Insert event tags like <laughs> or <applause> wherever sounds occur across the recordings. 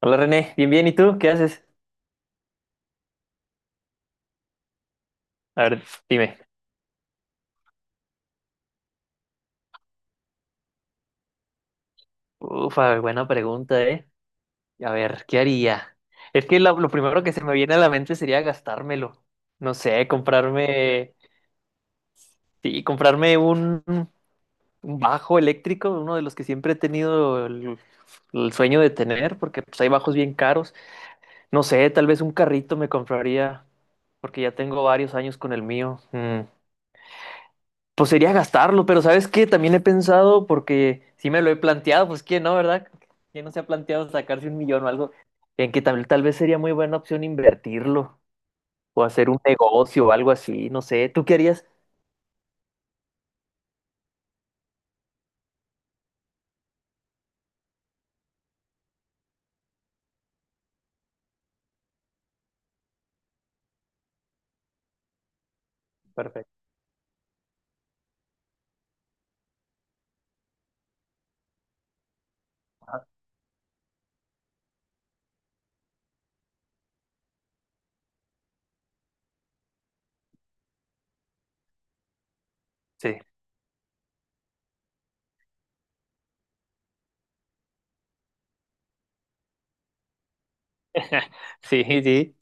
Hola René, bien, bien, ¿y tú? ¿Qué haces? A ver, dime. Ufa, buena pregunta, ¿eh? A ver, ¿qué haría? Es que lo primero que se me viene a la mente sería gastármelo. No sé, comprarme, sí, comprarme un bajo eléctrico, uno de los que siempre he tenido el sueño de tener, porque pues, hay bajos bien caros. No sé, tal vez un carrito me compraría, porque ya tengo varios años con el mío. Mm, Pues sería gastarlo, pero ¿sabes qué? También he pensado, porque sí me lo he planteado, pues ¿quién no, verdad? ¿Quién no se ha planteado sacarse un millón o algo? Tal vez sería muy buena opción invertirlo o hacer un negocio o algo así, no sé. ¿Tú qué harías? Perfecto. Sí, <laughs> sí, sí.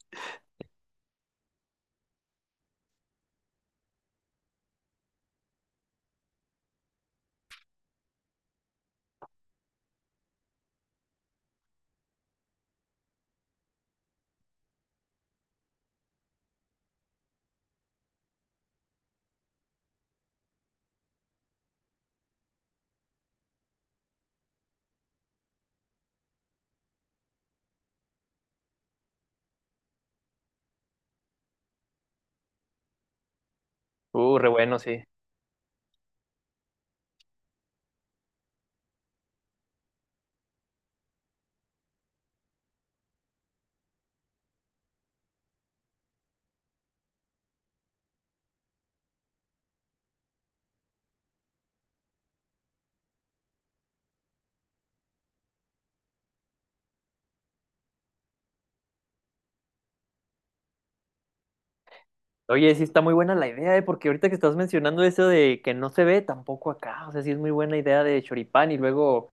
Re bueno, sí. Oye, sí está muy buena la idea, ¿eh? Porque ahorita que estás mencionando eso de que no se ve tampoco acá, o sea, sí es muy buena idea de choripán y luego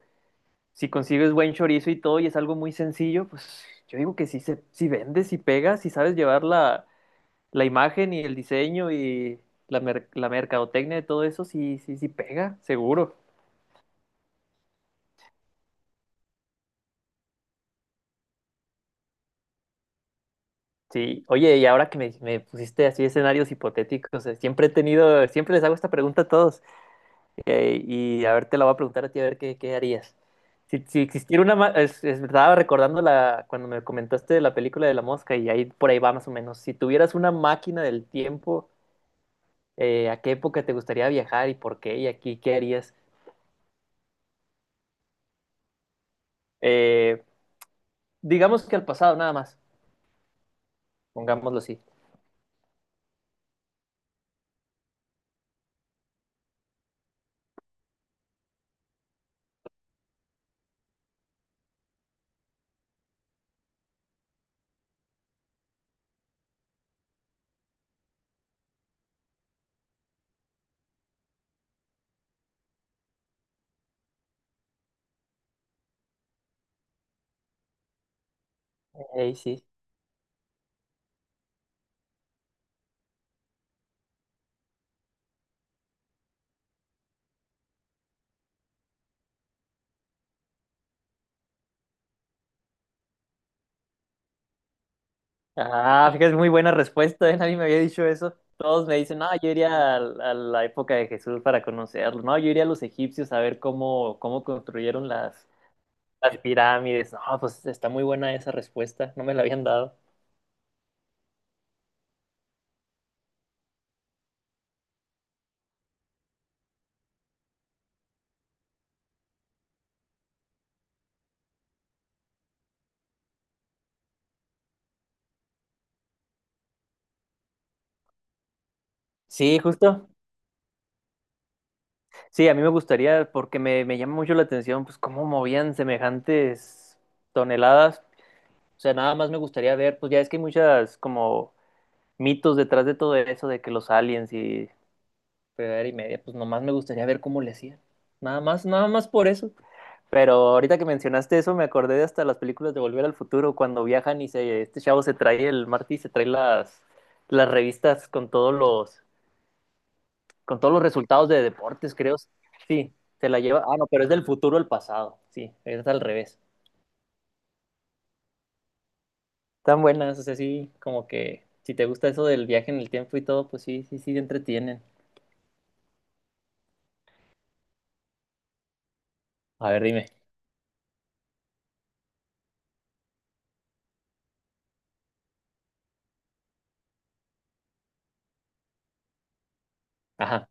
si consigues buen chorizo y todo y es algo muy sencillo, pues yo digo que si, se, si vendes, si pegas, si sabes llevar la imagen y el diseño y la mercadotecnia de todo eso, sí, sí, sí pega, seguro. Sí, oye, y ahora que me pusiste así escenarios hipotéticos, siempre he tenido, siempre les hago esta pregunta a todos y a ver, te la voy a preguntar a ti a ver qué, qué harías. Si existiera una, ma- es- estaba recordando la, cuando me comentaste de la película de la mosca y ahí por ahí va más o menos. Si tuvieras una máquina del tiempo, a qué época te gustaría viajar y por qué y aquí qué harías. Eh, digamos que al pasado nada más, pongámoslo así. Ey, sí. Ah, fíjate, es muy buena respuesta, ¿eh? Nadie me había dicho eso. Todos me dicen, no, yo iría a la época de Jesús para conocerlo. No, yo iría a los egipcios a ver cómo, cómo construyeron las pirámides. No, pues está muy buena esa respuesta, no me la habían dado. Sí, justo. Sí, a mí me gustaría, porque me llama mucho la atención, pues cómo movían semejantes toneladas. O sea, nada más me gustaría ver, pues ya es que hay muchas como mitos detrás de todo eso, de que los aliens y fregadera y media, pues nomás me gustaría ver cómo le hacían. Nada más, nada más por eso. Pero ahorita que mencionaste eso, me acordé de hasta las películas de Volver al Futuro, cuando viajan y se, este chavo se trae, el Marty se trae las revistas con todos los resultados de deportes, creo. Sí, se la lleva. Ah, no, pero es del futuro al pasado. Sí, es al revés. Tan buenas, o sea, sí, como que si te gusta eso del viaje en el tiempo y todo, pues sí, sí, sí, te entretienen. A ver, dime. Ajá.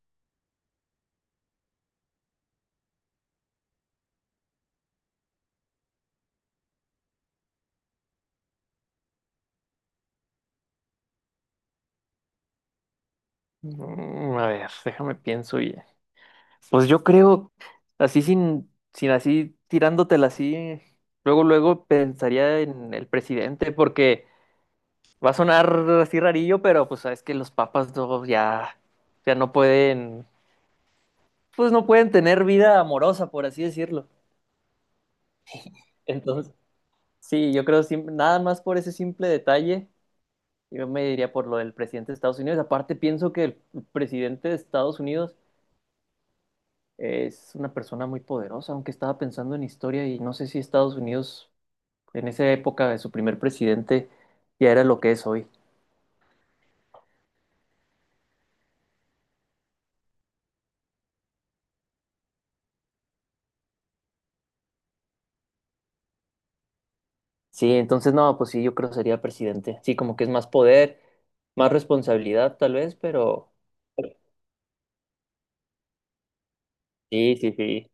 Mm, A ver, déjame pienso y pues yo creo así sin así tirándotela así luego luego pensaría en el presidente porque va a sonar así rarillo pero pues sabes que los papas ya no pueden, pues no pueden tener vida amorosa por así decirlo, entonces sí yo creo sim- nada más por ese simple detalle yo me diría por lo del presidente de Estados Unidos. Aparte, pienso que el presidente de Estados Unidos es una persona muy poderosa, aunque estaba pensando en historia y no sé si Estados Unidos en esa época de su primer presidente ya era lo que es hoy. Sí, entonces no, pues sí, yo creo que sería presidente. Sí, como que es más poder, más responsabilidad tal vez, pero sí, sí, sí.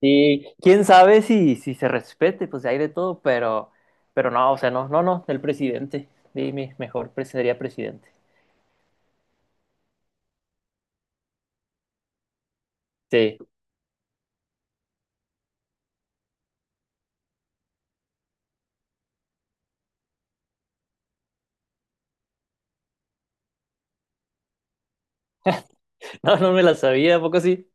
Sí, quién sabe si, si se respete, pues hay de todo, pero no, o sea, no, no, no, el presidente. Dime, mejor pre- sería presidente. Sí, <laughs> no, no me la sabía, ¿a poco sí?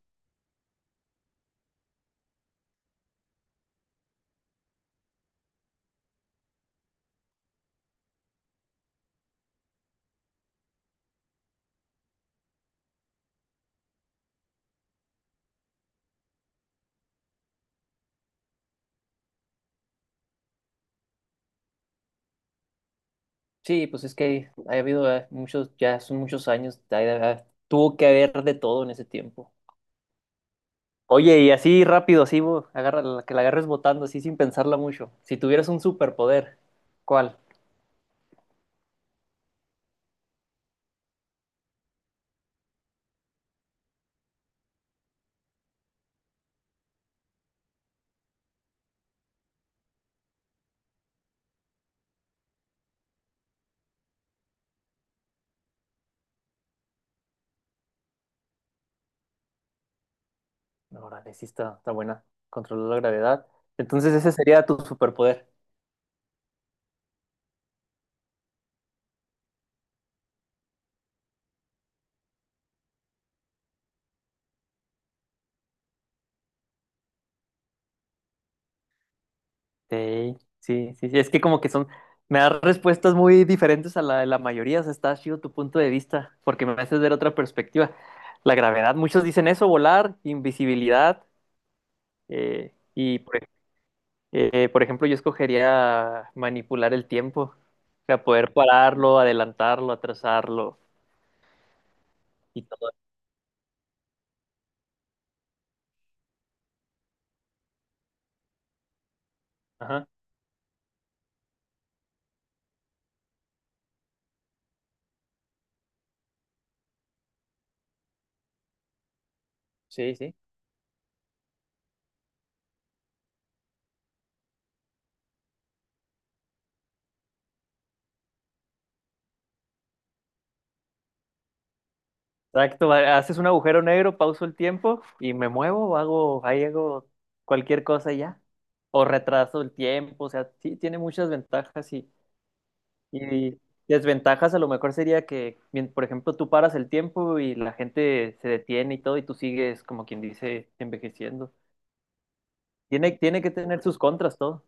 Sí, pues es que ha habido muchos, ya son muchos años, ha- ha- tuvo que haber de todo en ese tiempo. Oye, y así rápido, así, bo- agarra, la- que la agarres botando, así sin pensarla mucho. Si tuvieras un superpoder, ¿cuál? No, órale, sí está, está buena, controlar la gravedad. Entonces ese sería tu superpoder. Sí, sí, sí, sí, es que como que son, me das respuestas muy diferentes a la de la mayoría, o sea, está chido tu punto de vista, porque me haces ver otra perspectiva. La gravedad, muchos dicen eso, volar, invisibilidad, eh, y por, ej- por ejemplo yo escogería manipular el tiempo, o sea, poder pararlo, adelantarlo, atrasarlo y todo. Ajá, sí, sí. Exacto, ha- haces un agujero negro, pauso el tiempo y me muevo, hago, ahí hago cualquier cosa y ya. O retraso el tiempo, o sea, sí, tiene muchas ventajas y desventajas a lo mejor sería que, mien- por ejemplo, tú paras el tiempo y la gente se detiene y todo y tú sigues, como quien dice, envejeciendo. Tiene, tiene que tener sus contras todo.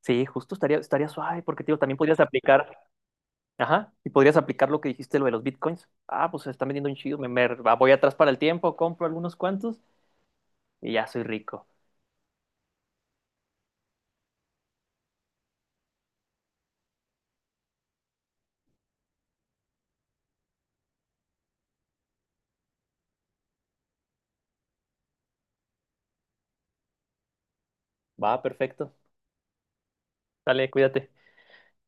Sí, justo estaría, estaría suave porque, tío, también podrías aplicar, ajá, y podrías aplicar lo que dijiste, lo de los bitcoins. Ah, pues se están vendiendo un chido, voy atrás para el tiempo, compro algunos cuantos y ya soy rico. Va, perfecto. Dale, cuídate.